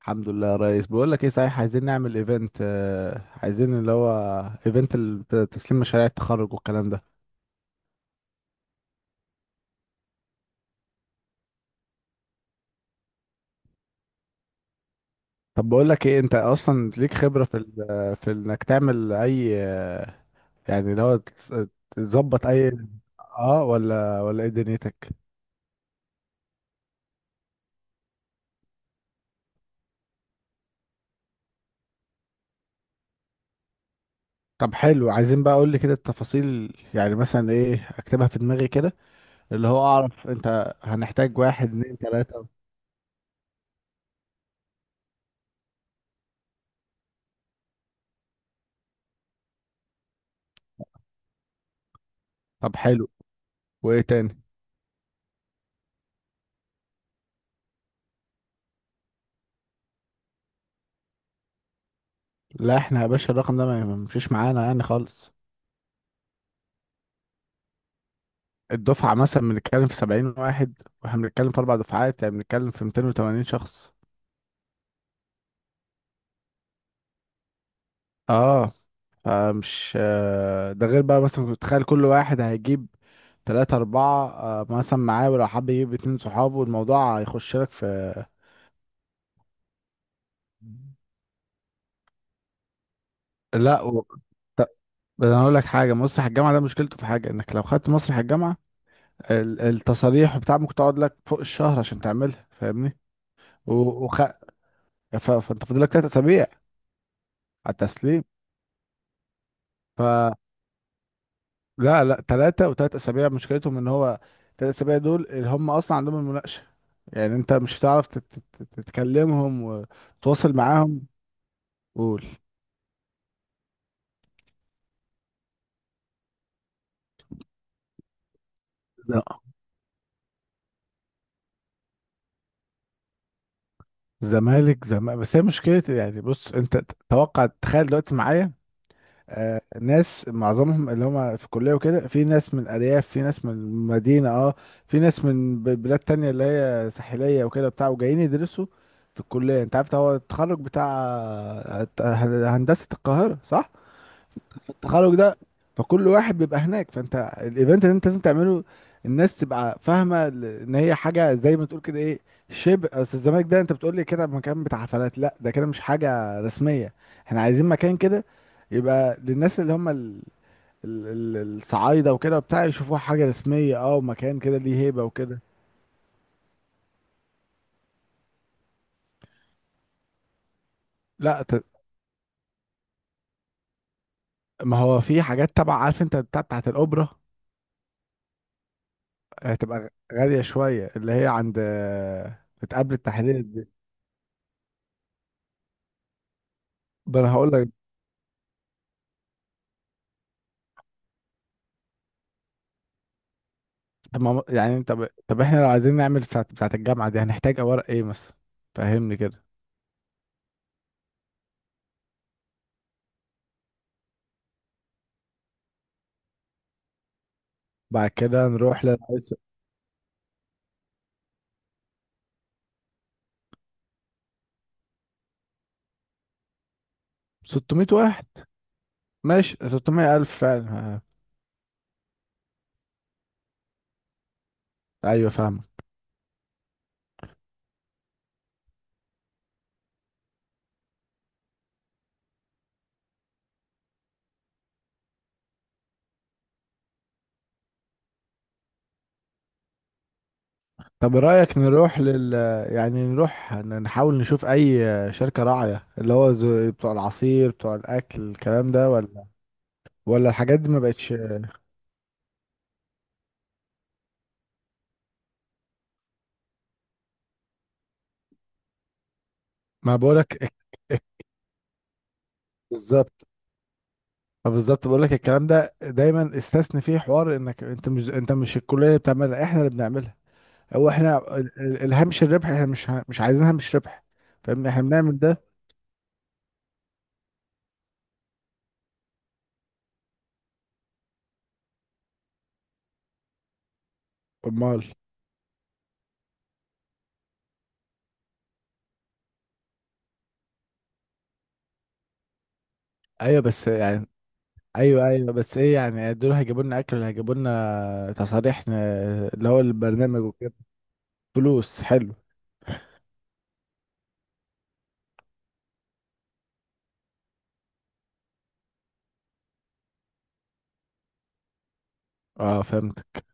الحمد لله يا ريس. بقول لك ايه، صحيح عايزين نعمل ايفنت، عايزين اللي هو ايفنت تسليم مشاريع التخرج والكلام ده. طب بقول لك ايه، انت اصلا ليك خبرة في في انك تعمل اي، يعني اللي هو تظبط اي؟ اه، ولا ايه دنيتك؟ طب حلو، عايزين بقى، اقول لي كده التفاصيل يعني، مثلا ايه، اكتبها في دماغي كده. اللي هو اعرف انت هنحتاج واحد اتنين تلاتة. طب حلو، وايه تاني؟ لا، احنا يا باشا الرقم ده ما يمشيش معانا يعني خالص. الدفعة مثلا بنتكلم في 70 واحد، واحنا بنتكلم في 4 دفعات، يعني بنتكلم في 280 شخص. اه. آه، مش آه، ده غير بقى مثلا كنت تخيل كل واحد هيجيب تلاتة أربعة مثلا معاه، ولو حب يجيب اتنين صحابه، الموضوع هيخش لك في. لا و... ط- انا اقول لك حاجه، مسرح الجامعه ده مشكلته في حاجه، انك لو خدت مسرح الجامعه التصاريح وبتاع ممكن تقعد لك فوق الشهر عشان تعملها، فاهمني. و... وخ... فانت فاضل لك 3 اسابيع على التسليم. ف... لا لا، ثلاثة، وثلاث أسابيع مشكلتهم إن هو 3 أسابيع دول اللي هم أصلا عندهم المناقشة، يعني أنت مش هتعرف تتكلمهم وتتواصل معاهم. قول. ز- زمالك زمالك بس هي مشكلة، يعني بص أنت، توقع، تخيل دلوقتي معايا ناس معظمهم اللي هم في الكلية وكده، في ناس من الأرياف، في ناس من المدينة، اه، في ناس من بلاد تانية اللي هي ساحلية وكده بتاع، وجايين يدرسوا في الكلية. أنت عارف هو التخرج بتاع آه، هندسة القاهرة صح؟ التخرج ده، فكل واحد بيبقى هناك، فانت الايفنت اللي انت لازم تعمله الناس تبقى فاهمه ان هي حاجه زي ما تقول كده ايه، شبه، اصل الزمالك ده انت بتقول لي كده مكان بتاع حفلات، لا ده كده مش حاجه رسميه. احنا عايزين مكان كده يبقى للناس اللي هم الصعايده وكده وبتاع يشوفوها حاجه رسميه، اه ومكان كده ليه هيبه وكده. لا ت... ما هو في حاجات تبع، عارف انت بتاع بتاعت الاوبرا، هتبقى غاليه شويه، اللي هي عند بتقابل التحليل دي. ده انا هقول لك. طب ما يعني، طب احنا لو عايزين نعمل بتاعة الجامعة دي هنحتاج أوراق ايه مثلا؟ فهمني كده. بعد كده نروح للعايز. 600 واحد. ماشي 600 ألف فعلا، ها. أيوة فاهمك. طب رأيك نروح يعني نروح نحاول نشوف أي شركة راعية، اللي هو بتوع العصير بتوع الأكل الكلام ده، ولا ولا الحاجات دي ما بقتش؟ ما بقولك بالظبط، ما بالظبط بقولك الكلام ده، دايما استثني فيه حوار انك انت، مش الكلية اللي بتعملها، احنا اللي بنعملها. هو احنا الهامش الربح احنا مش عايزين هامش ربح. فاهم، احنا بنعمل ده. امال. ايوه بس يعني. ايوه ايوه، بس ايه يعني، دول هيجيبوا لنا اكل، هيجيبوا لنا تصاريح، اللي هو البرنامج وكده؟ فلوس، حلو. اه فهمتك.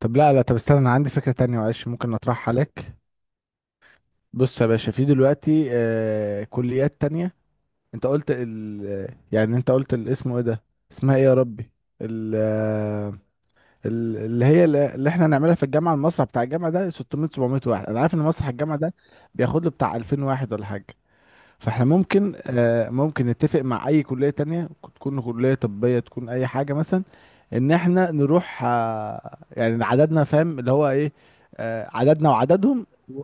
طب لا لا، طب استنى، انا عندي فكرة تانية معلش ممكن اطرحها عليك. بص يا باشا، في دلوقتي كليات تانية. انت قلت يعني انت قلت الاسم ايه ده، اسمها ايه يا ربي، ال اللي هي اللي احنا هنعملها في الجامعه المسرح بتاع الجامعه ده 600 700 واحد، انا عارف ان مسرح الجامعه ده بياخد له بتاع 2000 واحد ولا حاجه. فاحنا ممكن ممكن نتفق مع اي كليه تانية، تكون كليه طبيه، تكون اي حاجه مثلا، ان احنا نروح يعني عددنا، فاهم اللي هو ايه، عددنا وعددهم و-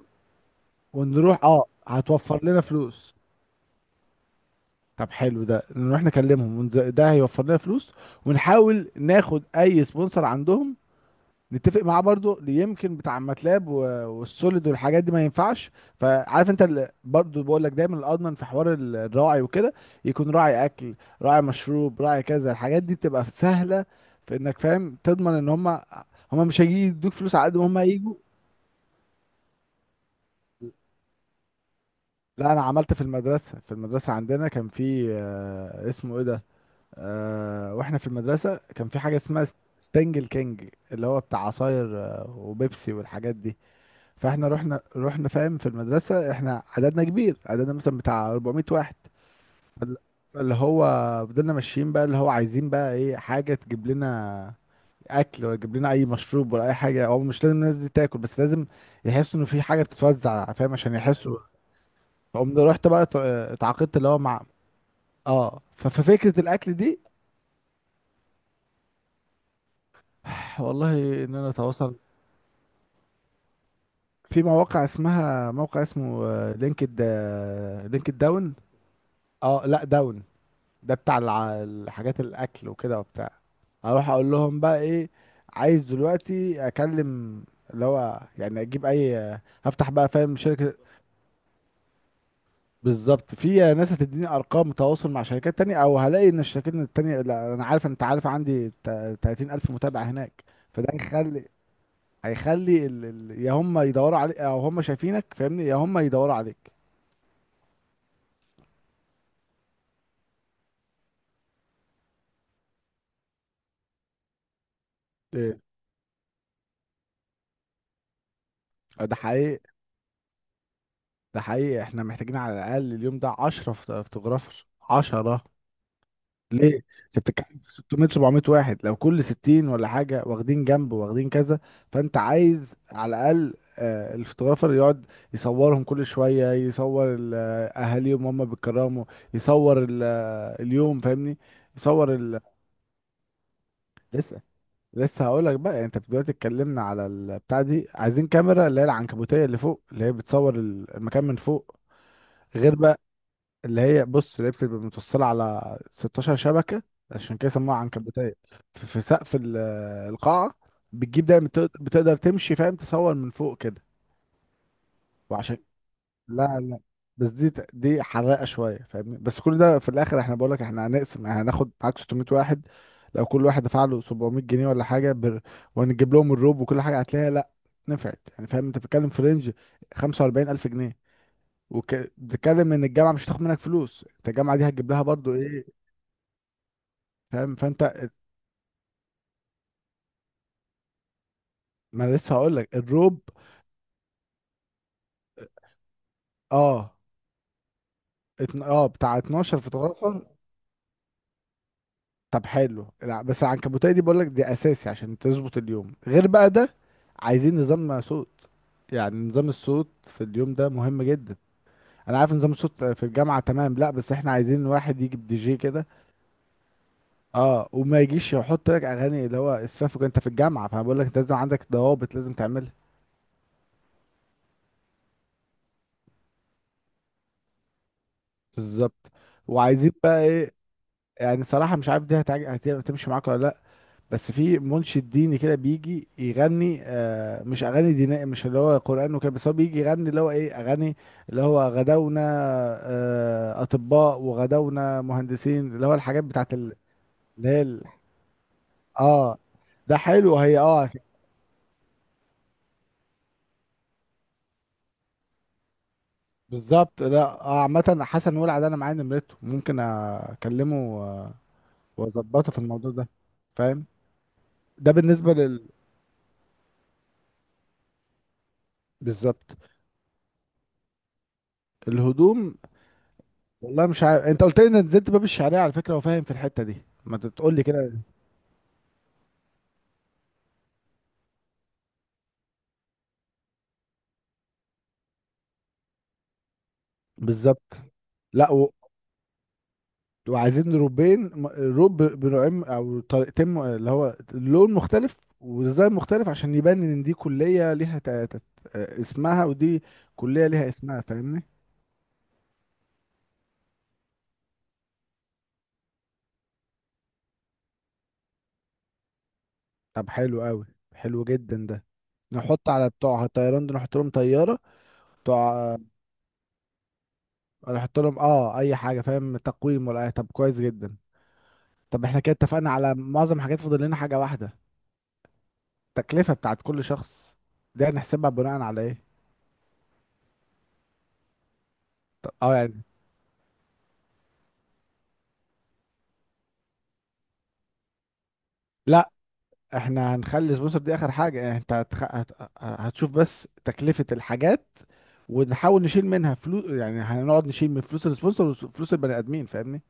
ونروح، اه هتوفر لنا فلوس. طب حلو ده، نروح نكلمهم ده هيوفر لنا فلوس، ونحاول ناخد اي سبونسر عندهم، نتفق معاه برضو اللي يمكن بتاع ماتلاب و- والسوليد والحاجات دي ما ينفعش. فعارف انت برضو بقول لك دايما الاضمن في حوار الراعي وكده، يكون راعي اكل، راعي مشروب، راعي كذا، الحاجات دي بتبقى سهله في انك فاهم تضمن ان هم مش هيجي يدوك فلوس على قد ما هم هيجوا. لا، انا عملت في المدرسه، عندنا كان في اسمه ايه ده، واحنا في المدرسه كان في حاجه اسمها ستانجل كينج، اللي هو بتاع عصاير وبيبسي والحاجات دي. فاحنا رحنا فاهم، في المدرسة احنا عددنا كبير، عددنا مثلا بتاع 400 واحد، فال- فاللي هو، فضلنا ماشيين بقى اللي هو عايزين بقى ايه، حاجة تجيب لنا اكل، ولا تجيب لنا اي مشروب، ولا اي حاجة. هو مش لازم الناس دي تاكل، بس لازم يحسوا انه في حاجة بتتوزع، فاهم، عشان يحسوا. فقمت رحت بقى اتعاقدت اللي هو مع، اه ففكرة الاكل دي. والله، ان انا اتواصل في مواقع، اسمها موقع اسمه لينكد لينكد داون. اه لا، داون. ده بتاع الحاجات الاكل وكده وبتاع، اروح اقول لهم بقى ايه، عايز دلوقتي اكلم اللي هو يعني اجيب اي، هفتح بقى فاهم شركة. بالظبط، في ناس هتديني ارقام تواصل مع شركات تانية، او هلاقي ان الشركات التانية، لا انا عارف انت عارف عندي 30,000 متابع هناك، فده هيخلي يا هم يدوروا عليك، او هم شايفينك، فاهمني، يا هم يدوروا عليك. ايه. ده حقيقي، ده حقيقي احنا محتاجين على الاقل اليوم ده 10 فوتوغرافر، 10. ليه؟ انت بتتكلم في 600 700 واحد، لو كل 60 ولا حاجه واخدين جنب، واخدين كذا، فانت عايز على الاقل الفوتوغرافر يقعد يصورهم كل شويه، يصور اهاليهم هم بيتكرموا، يصور اليوم فاهمني، يصور لسه لسه هقول لك بقى، يعني انت دلوقتي اتكلمنا على البتاع دي، عايزين كاميرا اللي هي العنكبوتيه اللي فوق، اللي هي بتصور المكان من فوق، غير بقى. اللي هي بص، اللي هي بتبقى متوصلة على 16 شبكة، عشان كده سموها عنكبوتية، في سقف القاعة، بتجيب دايما بتقدر تمشي فاهم، تصور من فوق كده. وعشان، لا لا، بس دي دي حراقة شوية فاهمني، بس كل ده في الآخر احنا بقولك احنا هنقسم، يعني هناخد معاك 600 واحد، لو كل واحد دفع له 700 جنيه ولا حاجة وهنجيب لهم الروب وكل حاجة، هتلاقيها لا نفعت يعني، فاهم انت بتتكلم في رينج 45,000 جنيه، وبتتكلم ان الجامعة مش هتاخد منك فلوس، انت الجامعة دي هتجيب لها برضو ايه، فاهم. فانت ما أنا لسه هقول لك الروب. اه اه بتاع 12 فوتوغرافر. طب حلو، بس العنكبوتيه دي بقول لك دي اساسي عشان تظبط اليوم، غير بقى ده، عايزين نظام صوت، يعني نظام الصوت في اليوم ده مهم جدا. انا عارف نظام الصوت في الجامعه تمام، لا بس احنا عايزين واحد يجيب دي جي كده، اه وما يجيش يحط لك اغاني اللي هو اسفافك انت في الجامعه، فانا بقول لك انت لازم عندك ضوابط لازم تعملها. بالظبط. وعايزين بقى ايه، يعني صراحه مش عارف دي هتمشي معاك ولا لا، بس في منشد ديني كده بيجي يغني مش اغاني دينية، مش اللي هو قرآن وكده، بس هو بيجي يغني اللي هو ايه، اغاني اللي هو غدونا اطباء وغدونا مهندسين، اللي هو الحاجات بتاعت اللي هي اه، ده حلو هي اه. بالظبط، لا عامة حسن ولع ده انا معايا نمرته، ممكن اكلمه و- واظبطه في الموضوع ده، فاهم. ده بالنسبة لل، بالظبط. الهدوم، والله مش عارف، انت قلت لي ان نزلت باب الشعريه على فكره، وفاهم في الحته دي، ما تقول لي كده. بالظبط. لا و... وعايزين روبين روب بنوعين او طريقتين اللي هو لون مختلف وديزاين مختلف، عشان يبان ان دي كليه ليها ت... ت... آه، اسمها، ودي كليه ليها اسمها فاهمني. طب حلو قوي، حلو جدا ده، نحط على بتوع الطيران دول نحط لهم طياره، بتوع، نحط لهم اه اي حاجه فاهم، تقويم ولا اي، طب كويس جدا. طب احنا كده اتفقنا على معظم الحاجات، فاضل لنا حاجه واحده، التكلفة بتاعت كل شخص، دي هنحسبها بناء على ايه؟ اه يعني، لا، احنا هنخلي سبونسر دي اخر حاجة، يعني انت هتشوف بس تكلفة الحاجات، ونحاول نشيل منها فلوس، يعني هنقعد نشيل من فلوس السبونسر وفلوس البني ادمين فاهمني،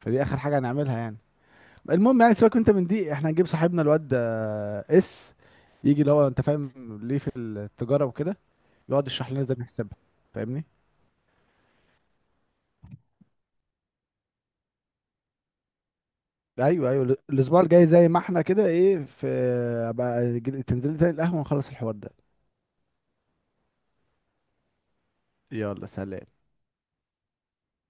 فدي اخر حاجة هنعملها يعني. المهم يعني سيبك انت من دي، احنا هنجيب صاحبنا الواد آه، اس يجي اللي هو انت فاهم، ليه في التجارة وكده، يقعد يشرح لنا ازاي نحسبها، فاهمني. ايوه ايوه، الاسبوع الجاي زي ما احنا كده ايه، في بقى تنزل لي تاني القهوه، ونخلص الحوار ده. يلا سلام.